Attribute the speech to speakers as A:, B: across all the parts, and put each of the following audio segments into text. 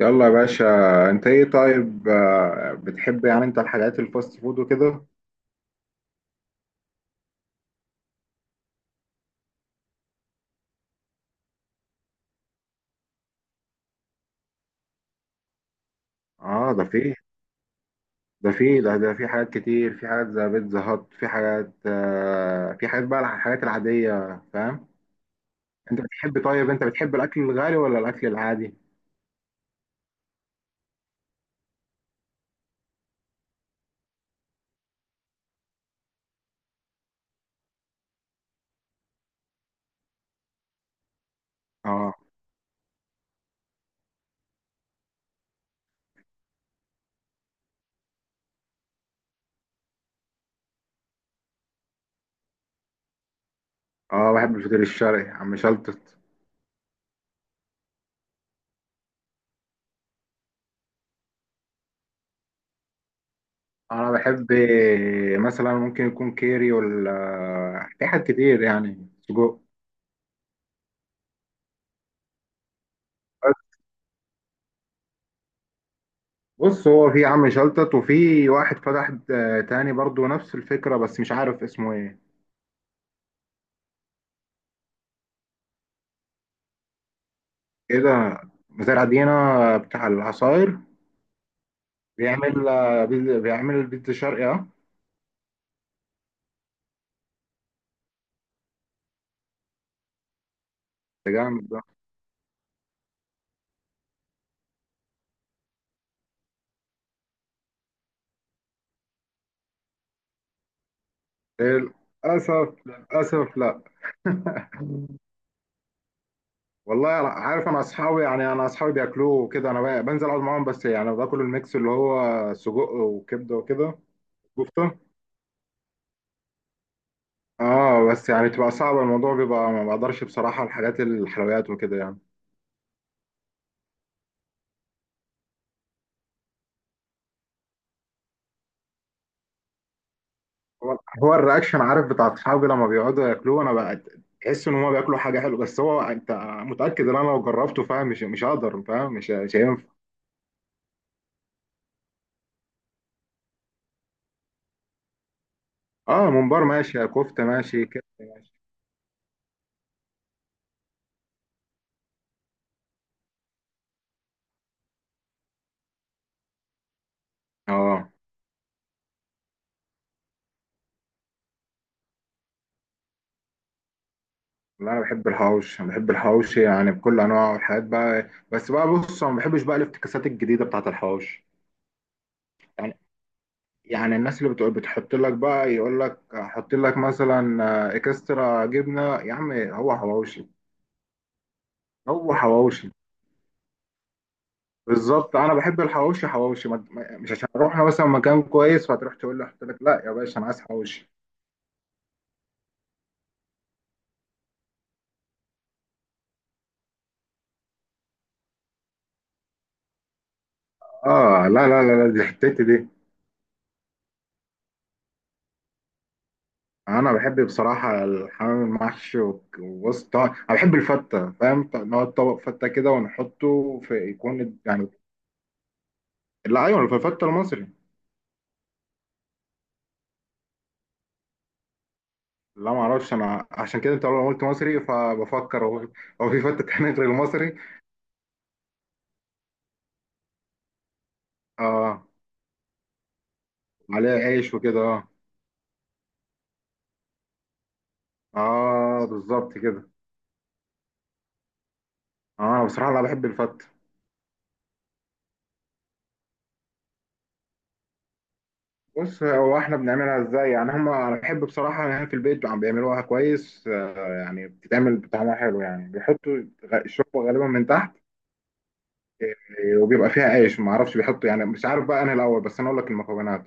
A: يلا يا باشا. انت ايه طيب؟ بتحب يعني انت الحاجات الفاست فود وكده؟ اه ده في. ده في حاجات كتير، في حاجات زي بيتزا هات، في حاجات في حاجات بقى الحاجات العادية، فاهم. انت بتحب طيب انت بتحب الاكل الغالي ولا الاكل العادي؟ اه. اه بحب الفطير الشرقي يا عم شلتت. انا بحب مثلا ممكن يكون كيري ولا في حاجات كتير يعني سجق. بص هو في عم شلتت، وفي واحد فتح تاني برضو نفس الفكرة، بس مش عارف اسمه ايه. كده. مزارع دينا بتاع العصاير؟ بيعمل، بيعمل البيتزا الشرقي اه. ده جامد ده. للأسف، للأسف لا. والله عارف، انا اصحابي يعني انا اصحابي بياكلوه وكده، انا بنزل اقعد معاهم، بس يعني باكل الميكس اللي هو سجق وكبده وكده. كفته. اه بس يعني تبقى صعبه، الموضوع بيبقى ما بقدرش بصراحه الحاجات الحلويات وكده يعني. هو الرياكشن عارف بتاع اصحابي لما بيقعدوا ياكلوه، انا بقى تحس ان هم بياكلوا حاجه حلوه، بس هو انت متاكد ان انا لو جربته فاهم مش هقدر، فاهم مش هينفع. اه ممبار ماشي، كفته ماشي، كده ماشي. اه لا انا بحب الحوش، انا بحب الحوش يعني بكل انواعه والحاجات بقى، بس بقى بص انا ما بحبش بقى الافتكاسات الجديده بتاعت الحوش. يعني يعني الناس اللي بتقول بتحط لك بقى يقول لك حط لك مثلا اكسترا جبنه، يا عم هو حواوشي. هو حواوشي. بالظبط، انا بحب الحواوشي حواوشي، مش عشان رحنا مثلا مكان كويس فتروح تقول له حط لك، لا يا باشا انا عايز حواوشي. اه لا دي حتتي دي. انا بحب بصراحه الحمام المحشي، وبص طبعا انا بحب الفته فاهم، نقعد طبق فته كده ونحطه في يكون يعني. لا ايوه في الفته المصري. لا ما اعرفش انا، عشان كده انت لما قلت مصري فبفكر هو هو في فته تانية غير المصري؟ اه. عليها عيش وكده اه. اه بالظبط كده. اه انا بصراحه لا بحب الفته. بص هو احنا بنعملها ازاي يعني، هم انا بحب بصراحه ان هي في البيت عم بيعملوها كويس، يعني بتتعمل بطعمها حلو يعني، بيحطوا الشوربه غالبا من تحت، وبيبقى فيها عيش، ما اعرفش بيحطوا يعني مش عارف بقى انا الاول، بس انا اقول لك المكونات.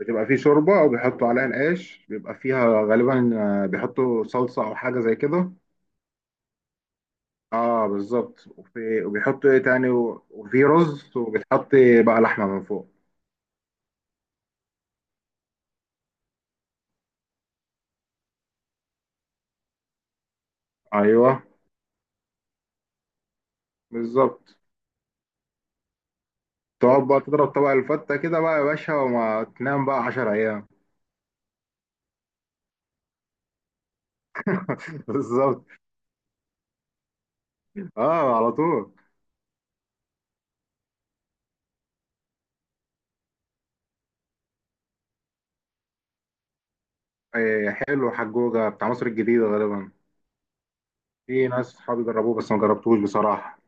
A: بتبقى فيه شوربه، وبيحطوا عليها العيش، بيبقى فيها غالبا بيحطوا صلصه او حاجه زي كده. اه بالظبط. وفي وبيحطوا ايه تاني، وفي رز، وبتحط بقى لحمه من فوق. ايوه بالظبط. تقعد بقى تضرب طبق الفتة كده بقى يا باشا، وما تنام بقى 10 أيام. بالظبط. اه على طول. إيه حلو، حجوجة بتاع مصر الجديدة غالبا. في ناس صحابي جربوه، بس ما جربتوش بصراحة.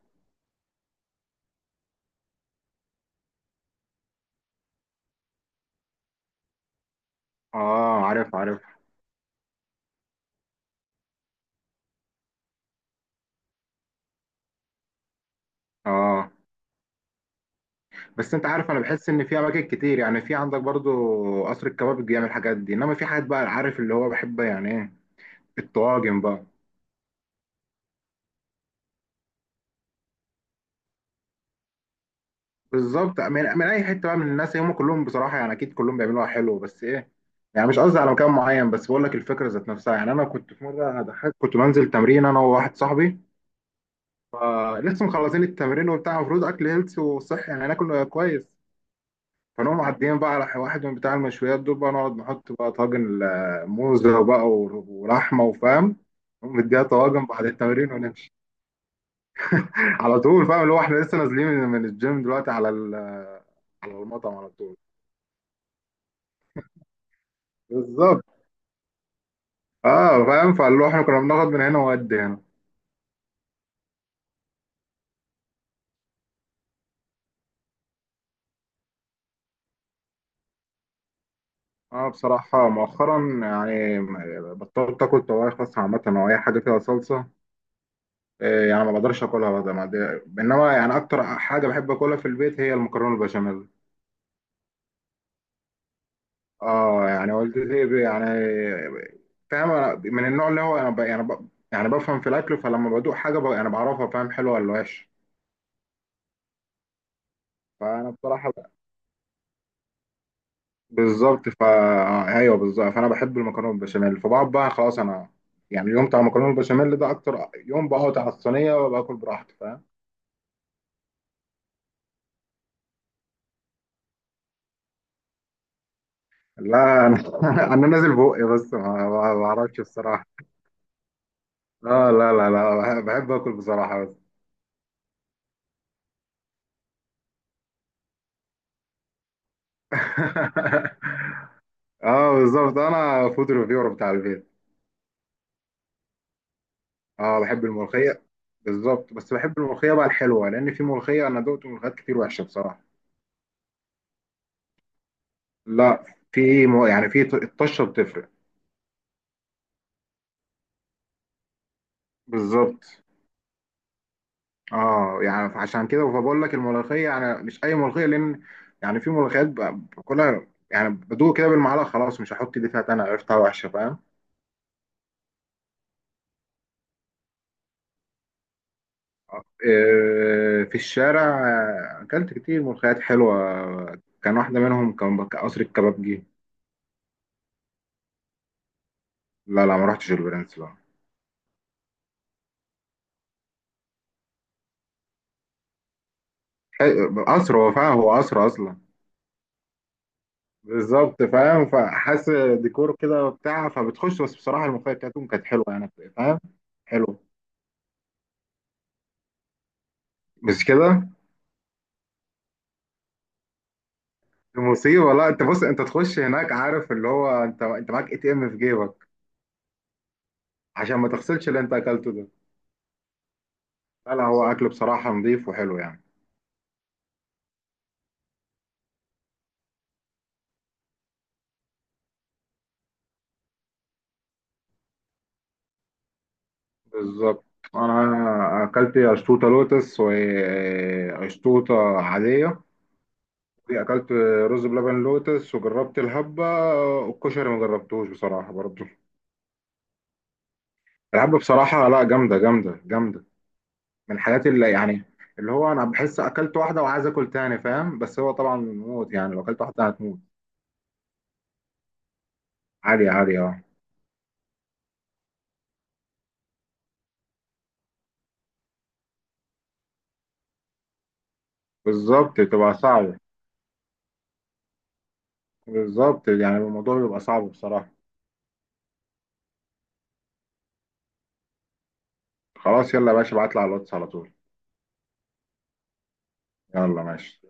A: اه عارف عارف. اه بس انت عارف انا بحس ان في اماكن كتير يعني، في عندك برضو قصر الكباب بيعمل الحاجات دي، انما في حاجات بقى عارف اللي هو بحب يعني ايه الطواجن بقى. بالظبط، من، من اي حته بقى من الناس هم كلهم بصراحه يعني، اكيد كلهم بيعملوها حلو، بس ايه يعني مش قصدي على مكان معين، بس بقول لك الفكره ذات نفسها يعني. انا كنت في مره انا ضحكت، كنت بنزل تمرين انا وواحد صاحبي، فلسه مخلصين التمرين وبتاع، المفروض اكل هيلث وصحي يعني، ناكل كويس. فنقوم معديين بقى على واحد من بتاع المشويات دول، بقى نقعد نحط بقى طاجن موزه بقى، ولحمه، وفاهم، نقوم مديها طواجن بعد التمرين ونمشي. على طول فاهم، اللي هو احنا لسه نازلين من الجيم دلوقتي على على المطعم على طول. بالظبط. اه فاهم، فاللي هو احنا كنا بناخد من هنا وقد هنا. اه بصراحة مؤخرا يعني بطلت اكل طواجن خاصة، عامة او اي حاجة فيها صلصة. آه يعني ما بقدرش اكلها بقى، ما دي- انما يعني اكتر حاجة بحب اكلها في البيت هي المكرونة البشاميل. اه يعني والدتي يعني فاهم، أنا من النوع اللي هو انا يعني بفهم في الاكل، فلما بدوق حاجة يعني بعرفها فاهم حلوة ولا وحشة. فانا بصراحة بالظبط، فا ايوه بالظبط، فانا بحب المكرونه بالبشاميل، فبقعد بقى خلاص، انا يعني اليوم بتاع المكرونه بالبشاميل ده اكتر يوم بقعد على الصينيه وباكل براحتي فاهم. لا انا انا نازل بقي، بس ما ما بعرفش بصراحه. اه لا بحب، بحب اكل بصراحه بس. اه بالظبط انا فود ريفيور بتاع البيت. اه بحب الملوخيه. بالظبط، بس بحب الملوخيه بقى الحلوه، لان في ملوخيه، انا دقت ملوخيات كتير وحشه بصراحه. لا، في يعني في الطشه بتفرق. بالظبط. اه يعني عشان كده فبقول لك الملوخيه يعني مش اي ملوخيه، لان يعني في ملوخيات باكلها يعني، بدوق كده بالمعلقه خلاص مش هحط دي فيها تاني، عرفتها وحشه فاهم. في الشارع، اكلت كتير ملوخيات حلوه، كان واحده منهم كان قصر الكبابجي. لا لا ما رحتش البرنس لا. قصر، هو فاهم هو قصر اصلا. بالظبط فاهم، فحاسس ديكور كده وبتاع، فبتخش، بس بصراحه الملوخيه بتاعتهم كانت حلوه يعني، فاهم. حلو. بس كده. المصيبة لا، انت بص انت تخش هناك عارف اللي هو، انت معاك اي تي ام في جيبك، عشان ما تغسلش اللي انت اكلته ده. لا لا، هو اكل بصراحة نظيف وحلو يعني. بالظبط. انا اكلت اشطوطة لوتس واشطوطة عادية. اكلت رز بلبن لوتس، وجربت الهبة، والكشري ما جربتوش بصراحة برضو. الهبة بصراحة لا، جامدة جامدة جامدة. من الحاجات اللي يعني اللي هو انا بحس اكلت واحدة وعايز اكل تاني فاهم، بس هو طبعا موت يعني، لو اكلت واحدة هتموت. عادي عادي اه. بالظبط تبقى صعبة. بالظبط، يعني الموضوع بيبقى صعب بصراحة. خلاص يلا يا باشا ابعتلي على الواتس على طول. يلا ماشي.